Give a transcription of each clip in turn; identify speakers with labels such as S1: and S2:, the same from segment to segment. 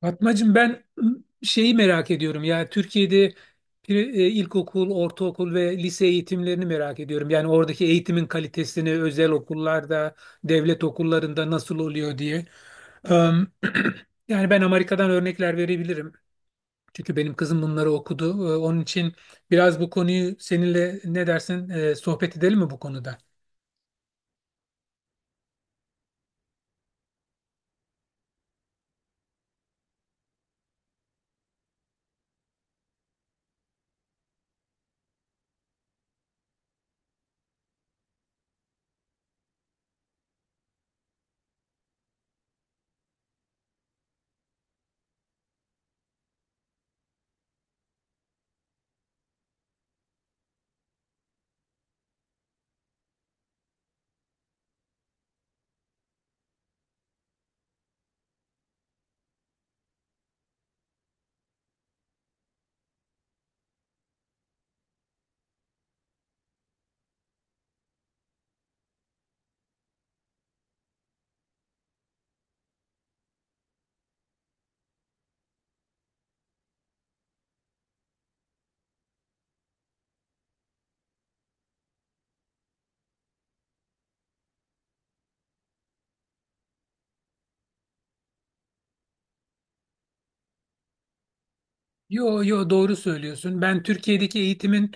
S1: Fatmacığım ben şeyi merak ediyorum ya Türkiye'de ilkokul, ortaokul ve lise eğitimlerini merak ediyorum. Yani oradaki eğitimin kalitesini özel okullarda, devlet okullarında nasıl oluyor diye. Em, yani ben Amerika'dan örnekler verebilirim. Çünkü benim kızım bunları okudu. Onun için biraz bu konuyu seninle ne dersin sohbet edelim mi bu konuda? Yo yo, doğru söylüyorsun. Ben Türkiye'deki eğitimin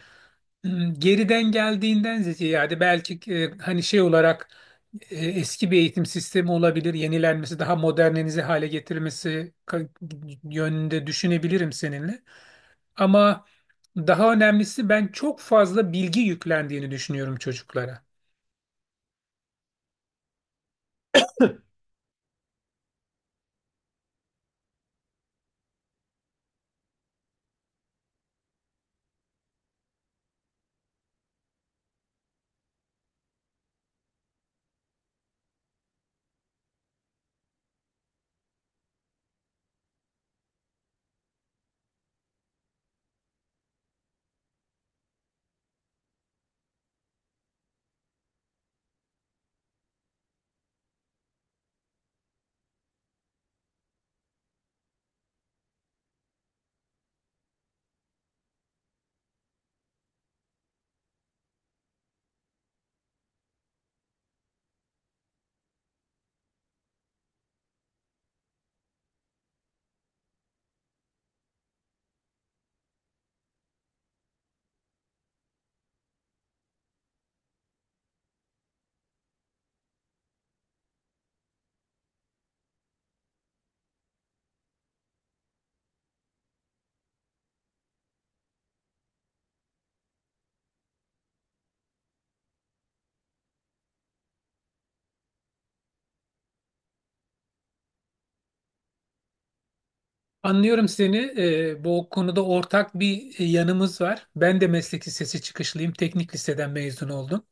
S1: Geriden geldiğinden ziyade yani belki hani şey olarak eski bir eğitim sistemi olabilir, yenilenmesi, daha modernize hale getirilmesi yönünde düşünebilirim seninle. Ama daha önemlisi ben çok fazla bilgi yüklendiğini düşünüyorum çocuklara. Anlıyorum seni. Bu konuda ortak bir yanımız var. Ben de meslek lisesi çıkışlıyım. Teknik liseden mezun oldum.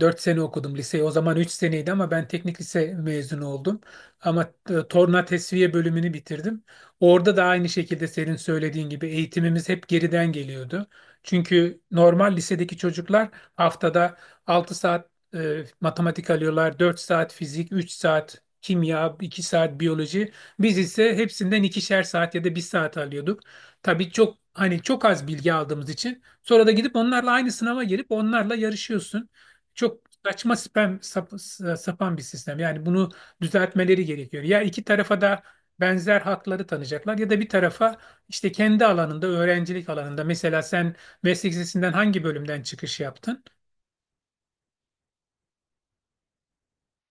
S1: 4 sene okudum liseyi. O zaman 3 seneydi ama ben teknik lise mezunu oldum. Ama torna tesviye bölümünü bitirdim. Orada da aynı şekilde senin söylediğin gibi eğitimimiz hep geriden geliyordu. Çünkü normal lisedeki çocuklar haftada 6 saat matematik alıyorlar, 4 saat fizik, 3 saat kimya, 2 saat biyoloji. Biz ise hepsinden 2'şer saat ya da bir saat alıyorduk. Tabii çok hani çok az bilgi aldığımız için sonra da gidip onlarla aynı sınava girip onlarla yarışıyorsun. Çok saçma spam, sapan bir sistem. Yani bunu düzeltmeleri gerekiyor. Ya iki tarafa da benzer hakları tanıyacaklar ya da bir tarafa işte kendi alanında öğrencilik alanında mesela sen meslek lisesinden hangi bölümden çıkış yaptın?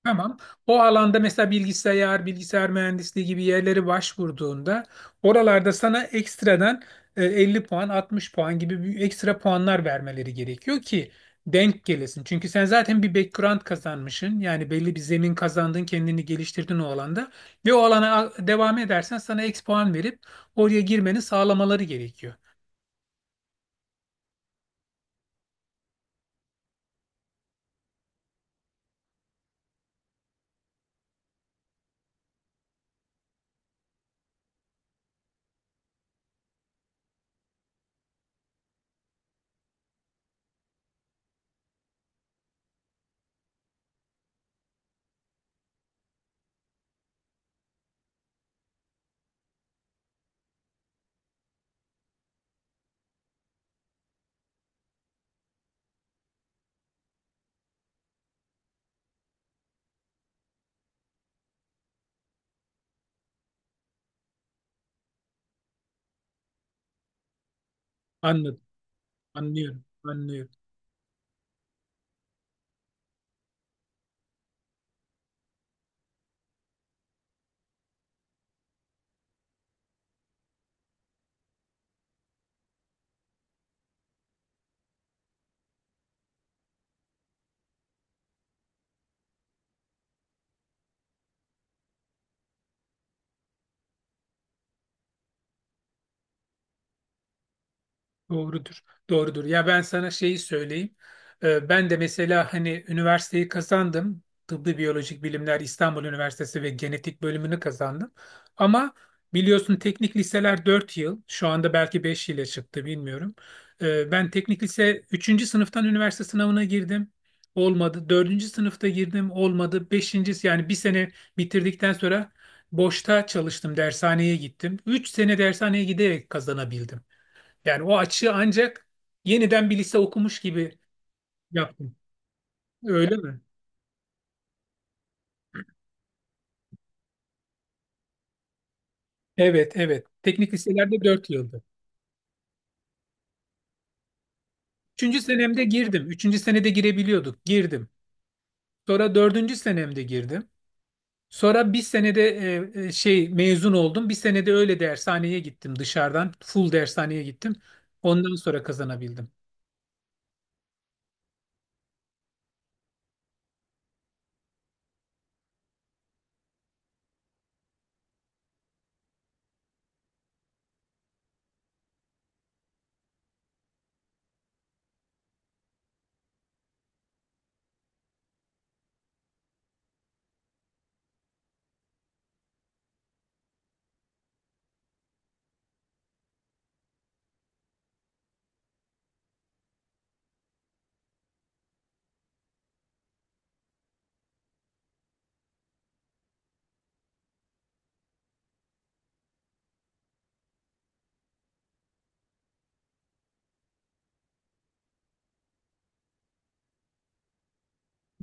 S1: Tamam. O alanda mesela bilgisayar, bilgisayar mühendisliği gibi yerlere başvurduğunda oralarda sana ekstradan 50 puan, 60 puan gibi bir ekstra puanlar vermeleri gerekiyor ki denk gelesin. Çünkü sen zaten bir background kazanmışsın. Yani belli bir zemin kazandın, kendini geliştirdin o alanda ve o alana devam edersen sana ek puan verip oraya girmeni sağlamaları gerekiyor. Anladım. Anlıyorum. Anlıyorum. Doğrudur. Doğrudur. Ya ben sana şeyi söyleyeyim. Ben de mesela hani üniversiteyi kazandım. Tıbbi Biyolojik Bilimler İstanbul Üniversitesi ve genetik bölümünü kazandım. Ama biliyorsun teknik liseler 4 yıl. Şu anda belki 5 ile çıktı bilmiyorum. Ben teknik lise üçüncü sınıftan üniversite sınavına girdim. Olmadı. Dördüncü sınıfta girdim. Olmadı. 5. yani bir sene bitirdikten sonra boşta çalıştım. Dershaneye gittim. 3 sene dershaneye giderek kazanabildim. Yani o açığı ancak yeniden bir lise okumuş gibi yaptım. Öyle mi? Evet, evet. Teknik liselerde 4 yıldı. Üçüncü senemde girdim. Üçüncü senede girebiliyorduk. Girdim. Sonra dördüncü senemde girdim. Sonra bir senede mezun oldum. Bir senede öyle dershaneye gittim dışarıdan. Full dershaneye gittim. Ondan sonra kazanabildim.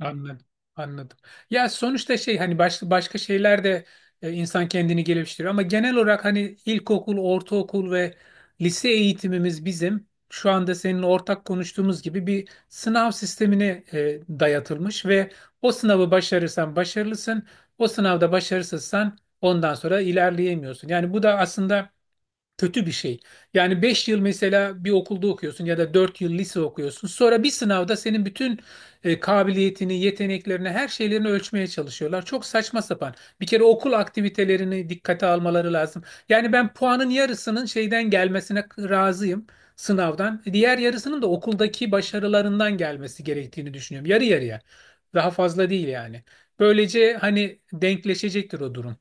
S1: Anladım, anladım. Ya sonuçta şey hani başka başka şeyler de insan kendini geliştiriyor ama genel olarak hani ilkokul, ortaokul ve lise eğitimimiz bizim şu anda senin ortak konuştuğumuz gibi bir sınav sistemine dayatılmış ve o sınavı başarırsan başarılısın, o sınavda başarısızsan ondan sonra ilerleyemiyorsun. Yani bu da aslında kötü bir şey. Yani 5 yıl mesela bir okulda okuyorsun ya da 4 yıl lise okuyorsun. Sonra bir sınavda senin bütün kabiliyetini, yeteneklerini, her şeylerini ölçmeye çalışıyorlar. Çok saçma sapan. Bir kere okul aktivitelerini dikkate almaları lazım. Yani ben puanın yarısının şeyden gelmesine razıyım sınavdan. Diğer yarısının da okuldaki başarılarından gelmesi gerektiğini düşünüyorum. Yarı yarıya. Daha fazla değil yani. Böylece hani denkleşecektir o durum.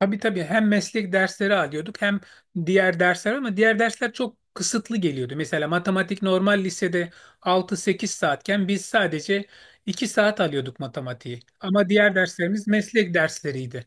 S1: Tabii tabii hem meslek dersleri alıyorduk hem diğer dersler ama diğer dersler çok kısıtlı geliyordu. Mesela matematik normal lisede 6-8 saatken biz sadece 2 saat alıyorduk matematiği. Ama diğer derslerimiz meslek dersleriydi.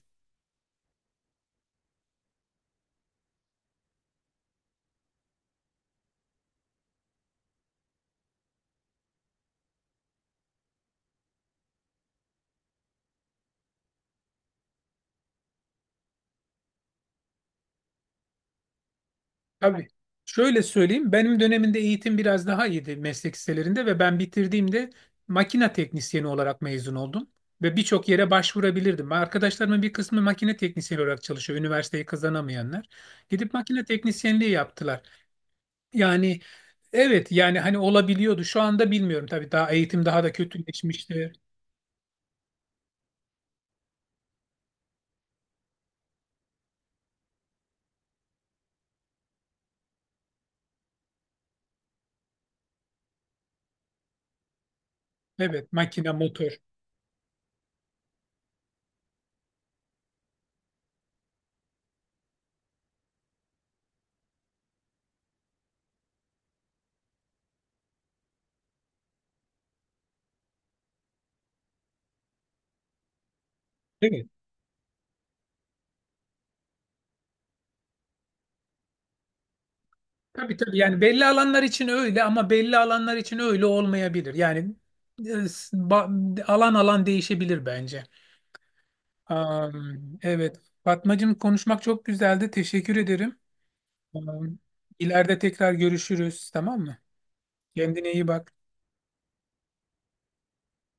S1: Tabii. Şöyle söyleyeyim, benim dönemimde eğitim biraz daha iyiydi meslek liselerinde ve ben bitirdiğimde makine teknisyeni olarak mezun oldum. Ve birçok yere başvurabilirdim. Arkadaşlarımın bir kısmı makine teknisyeni olarak çalışıyor, üniversiteyi kazanamayanlar. Gidip makine teknisyenliği yaptılar. Yani evet yani hani olabiliyordu. Şu anda bilmiyorum tabii daha eğitim daha da kötüleşmiştir. Evet makine motor. Evet. Tabii tabii yani belli alanlar için öyle ama belli alanlar için öyle olmayabilir. Yani alan alan değişebilir bence. Evet Fatmacığım, konuşmak çok güzeldi. Teşekkür ederim. Am, ileride tekrar görüşürüz, tamam mı? Kendine iyi bak.